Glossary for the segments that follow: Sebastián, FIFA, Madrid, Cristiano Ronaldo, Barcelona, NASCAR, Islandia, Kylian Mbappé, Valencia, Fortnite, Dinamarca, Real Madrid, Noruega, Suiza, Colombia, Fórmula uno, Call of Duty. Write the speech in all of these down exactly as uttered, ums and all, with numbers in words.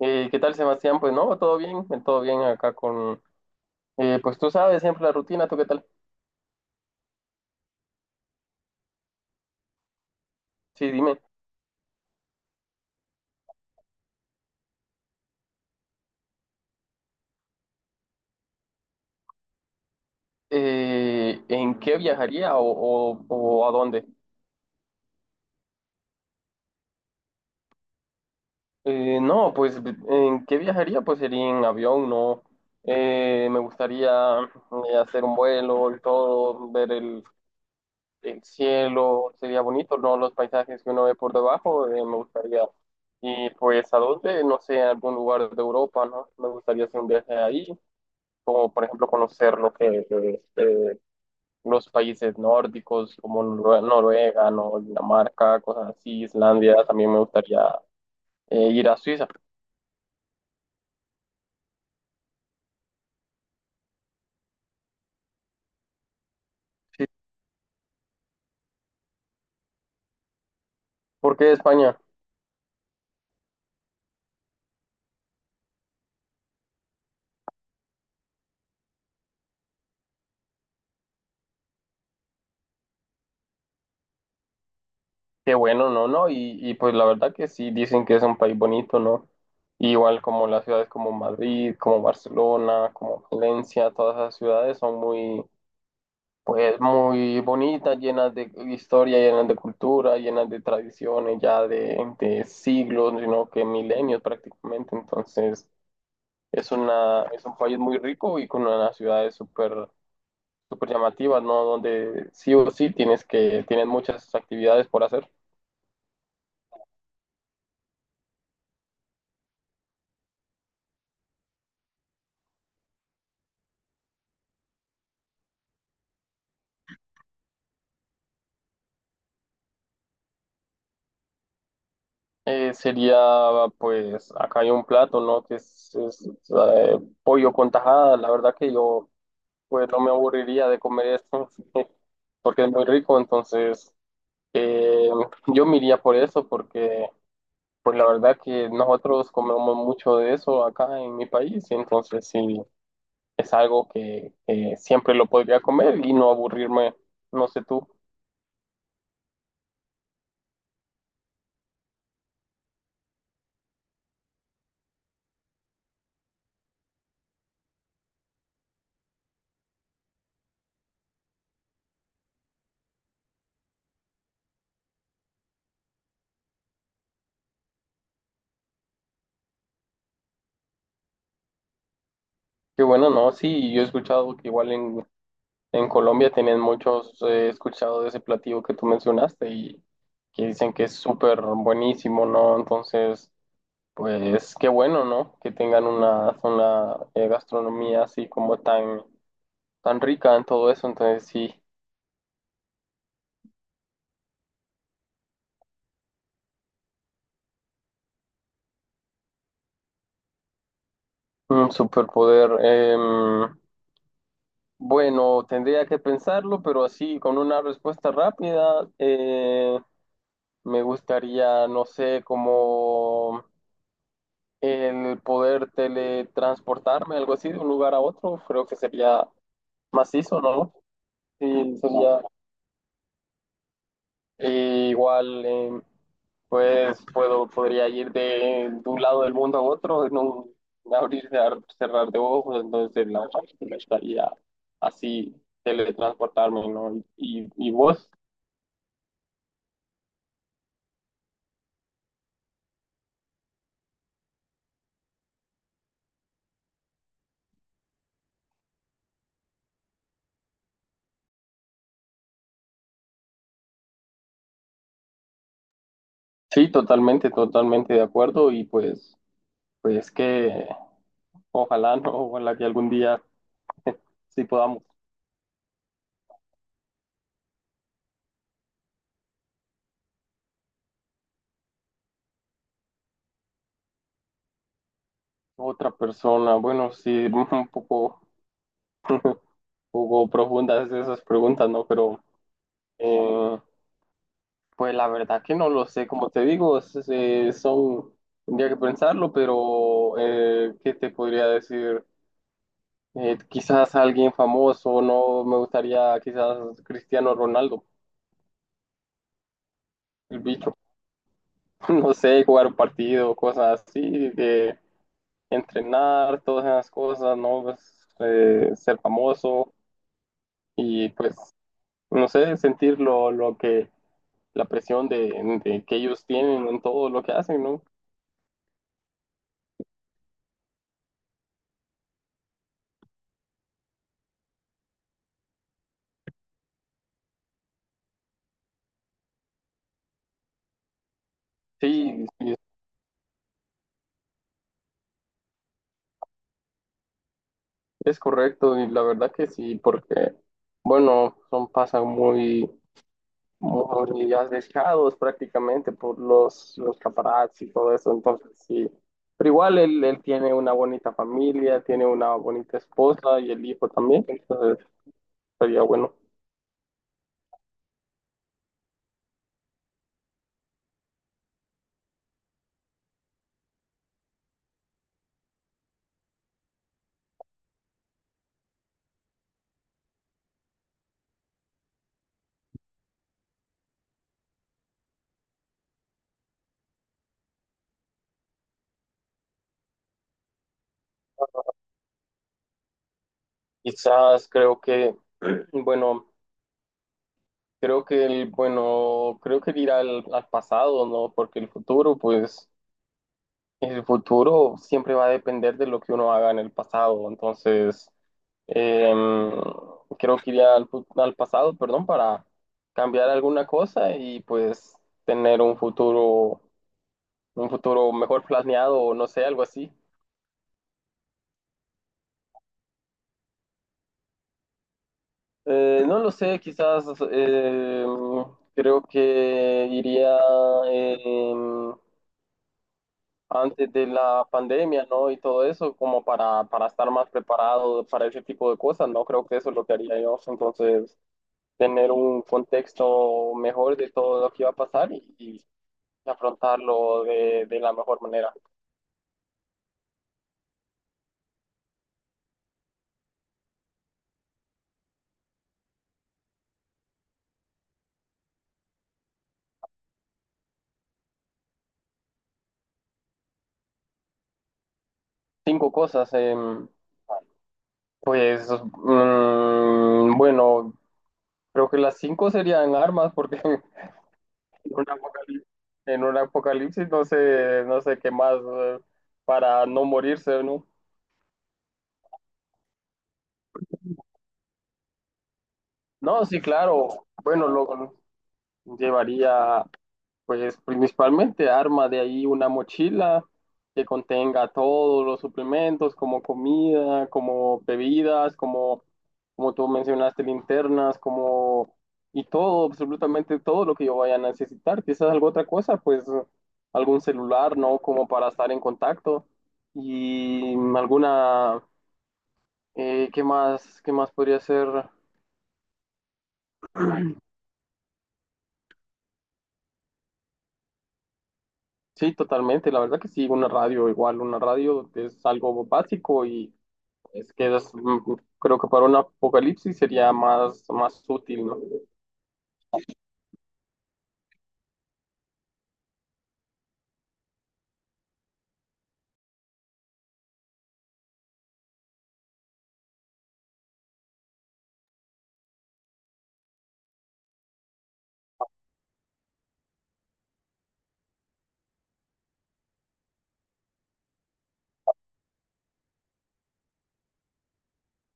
Eh, ¿qué tal, Sebastián? Pues no, todo bien, eh, todo bien acá con... eh, pues tú sabes siempre la rutina, ¿tú qué tal? Sí, dime, eh, ¿en qué viajaría o, o- o a dónde? Eh, no, pues ¿en qué viajaría? Pues sería en avión, ¿no? Eh, me gustaría eh, hacer un vuelo y todo, ver el, el cielo, sería bonito, ¿no? Los paisajes que uno ve por debajo, eh, me gustaría. Y pues a dónde, no sé, a algún lugar de Europa, ¿no? Me gustaría hacer un viaje ahí. Como por ejemplo conocer lo que eh, eh, los países nórdicos como Norue- Noruega, ¿no? Dinamarca, cosas así, Islandia, también me gustaría eh, ir a Suiza. Sí. ¿Por qué España? Qué bueno, ¿no? ¿No? Y, y pues la verdad que sí, dicen que es un país bonito, ¿no? Igual como las ciudades como Madrid, como Barcelona, como Valencia, todas esas ciudades son muy... Pues muy bonitas, llenas de historia, llenas de cultura, llenas de tradiciones ya de, de siglos, sino que milenios prácticamente. Entonces, es una, es un país muy rico y con unas ciudades súper súper llamativas, ¿no? Donde sí o sí tienes que, tienes muchas actividades por hacer. Eh, sería, pues, acá hay un plato, ¿no? Que es, es, eh, pollo con tajada. La verdad que yo, pues, no me aburriría de comer esto porque es muy rico. Entonces, Eh, yo me iría por eso porque, pues la verdad que nosotros comemos mucho de eso acá en mi país, y entonces sí, es algo que eh, siempre lo podría comer y no aburrirme, no sé tú. Qué bueno, no, sí, yo he escuchado que igual en, en Colombia tienen muchos, eh, he escuchado de ese platillo que tú mencionaste y que dicen que es súper buenísimo, ¿no? Entonces... Pues qué bueno, ¿no? Que tengan una, una eh, gastronomía así como tan, tan rica en todo eso. Entonces sí, un superpoder. em, bueno, tendría que pensarlo, pero así con una respuesta rápida, eh, me gustaría, no sé, como el poder teletransportarme, algo así, de un lugar a otro. Creo que sería macizo, ¿no? Sí, sería... E igual, em, pues puedo, podría ir de, de un lado del mundo a otro, no abrir, cerrar, cerrar de ojos, entonces la me estaría así teletransportarme, ¿no? Y, y vos, sí, totalmente, totalmente de acuerdo y pues, pues que ojalá, ¿no? Ojalá que algún día sí podamos. Otra persona, bueno, sí, un poco. Jugó profundas esas preguntas, ¿no? Pero, eh, pues la verdad que no lo sé. Como te digo, es- es, eh, son, tendría que pensarlo, pero eh, ¿qué te podría decir? Eh, quizás alguien famoso, no me gustaría quizás Cristiano Ronaldo, el bicho. No sé, jugar un partido, cosas así, de entrenar, todas esas cosas, ¿no? Pues, eh, ser famoso. Y pues, no sé, sentir lo, lo que, la presión de, de que ellos tienen en todo lo que hacen, ¿no? Sí, sí, es correcto y la verdad que sí, porque, bueno, son pasan muy, muy arriesgados prácticamente por los, los paparazzi y todo eso, entonces sí. Pero igual él, él tiene una bonita familia, tiene una bonita esposa y el hijo también, entonces sería bueno. Quizás creo que, bueno, creo que el, bueno, creo que ir al, al pasado, ¿no? Porque el futuro, pues, el futuro siempre va a depender de lo que uno haga en el pasado. Entonces, em, creo que iría al, fu- al pasado, perdón, para cambiar alguna cosa y pues tener un futuro, un futuro mejor planeado o no sé, algo así. Eh, no lo sé, quizás em, creo que iría em, antes de la pandemia, ¿no? Y todo eso, como para, para estar más preparado para ese tipo de cosas, ¿no? Creo que eso es lo que haría yo. Entonces, tener un contexto mejor de todo lo que iba a pasar y, y afrontarlo de, de la mejor manera. Cinco cosas. em, pues, mm, bueno, creo que las cinco serían armas, porque en un apocalipsis, en un apocalipsis no sé, no sé qué más, eh, para no morirse, ¿no? No, sí, claro. Bueno, lo llevaría, pues, principalmente arma de ahí una mochila que contenga todos los suplementos, como comida, como bebidas, como, como tú mencionaste, linternas, como, y todo, absolutamente todo lo que yo vaya a necesitar. Quizás alguna otra cosa, pues, algún celular, ¿no? Como para estar en contacto. Y alguna, eh, ¿qué más, qué más podría ser? Sí, totalmente. La verdad que sí, una radio igual, una radio es algo básico y es que es, mm, creo que para un apocalipsis sería más, más útil, ¿no?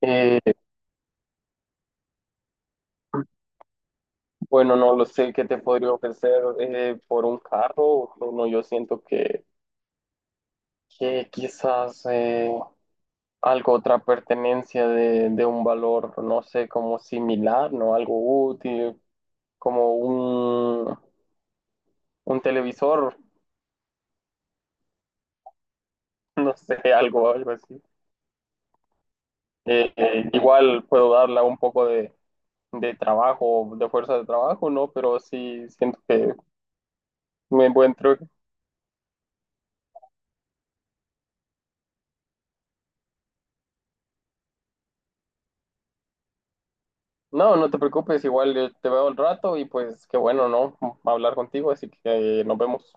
Eh, bueno, no lo sé qué te podría ofrecer eh, por un carro. Bueno, yo siento que, que quizás eh, algo, otra pertenencia de, de un valor, no sé, como similar, ¿no? Algo útil, como un, un televisor, no sé, algo, algo así. Eh, eh, igual puedo darla un poco de, de trabajo, de fuerza de trabajo, ¿no? Pero sí siento que me encuentro. No, no te preocupes, igual eh, te veo al rato y pues qué bueno, ¿no? Hablar contigo, así que eh, nos vemos.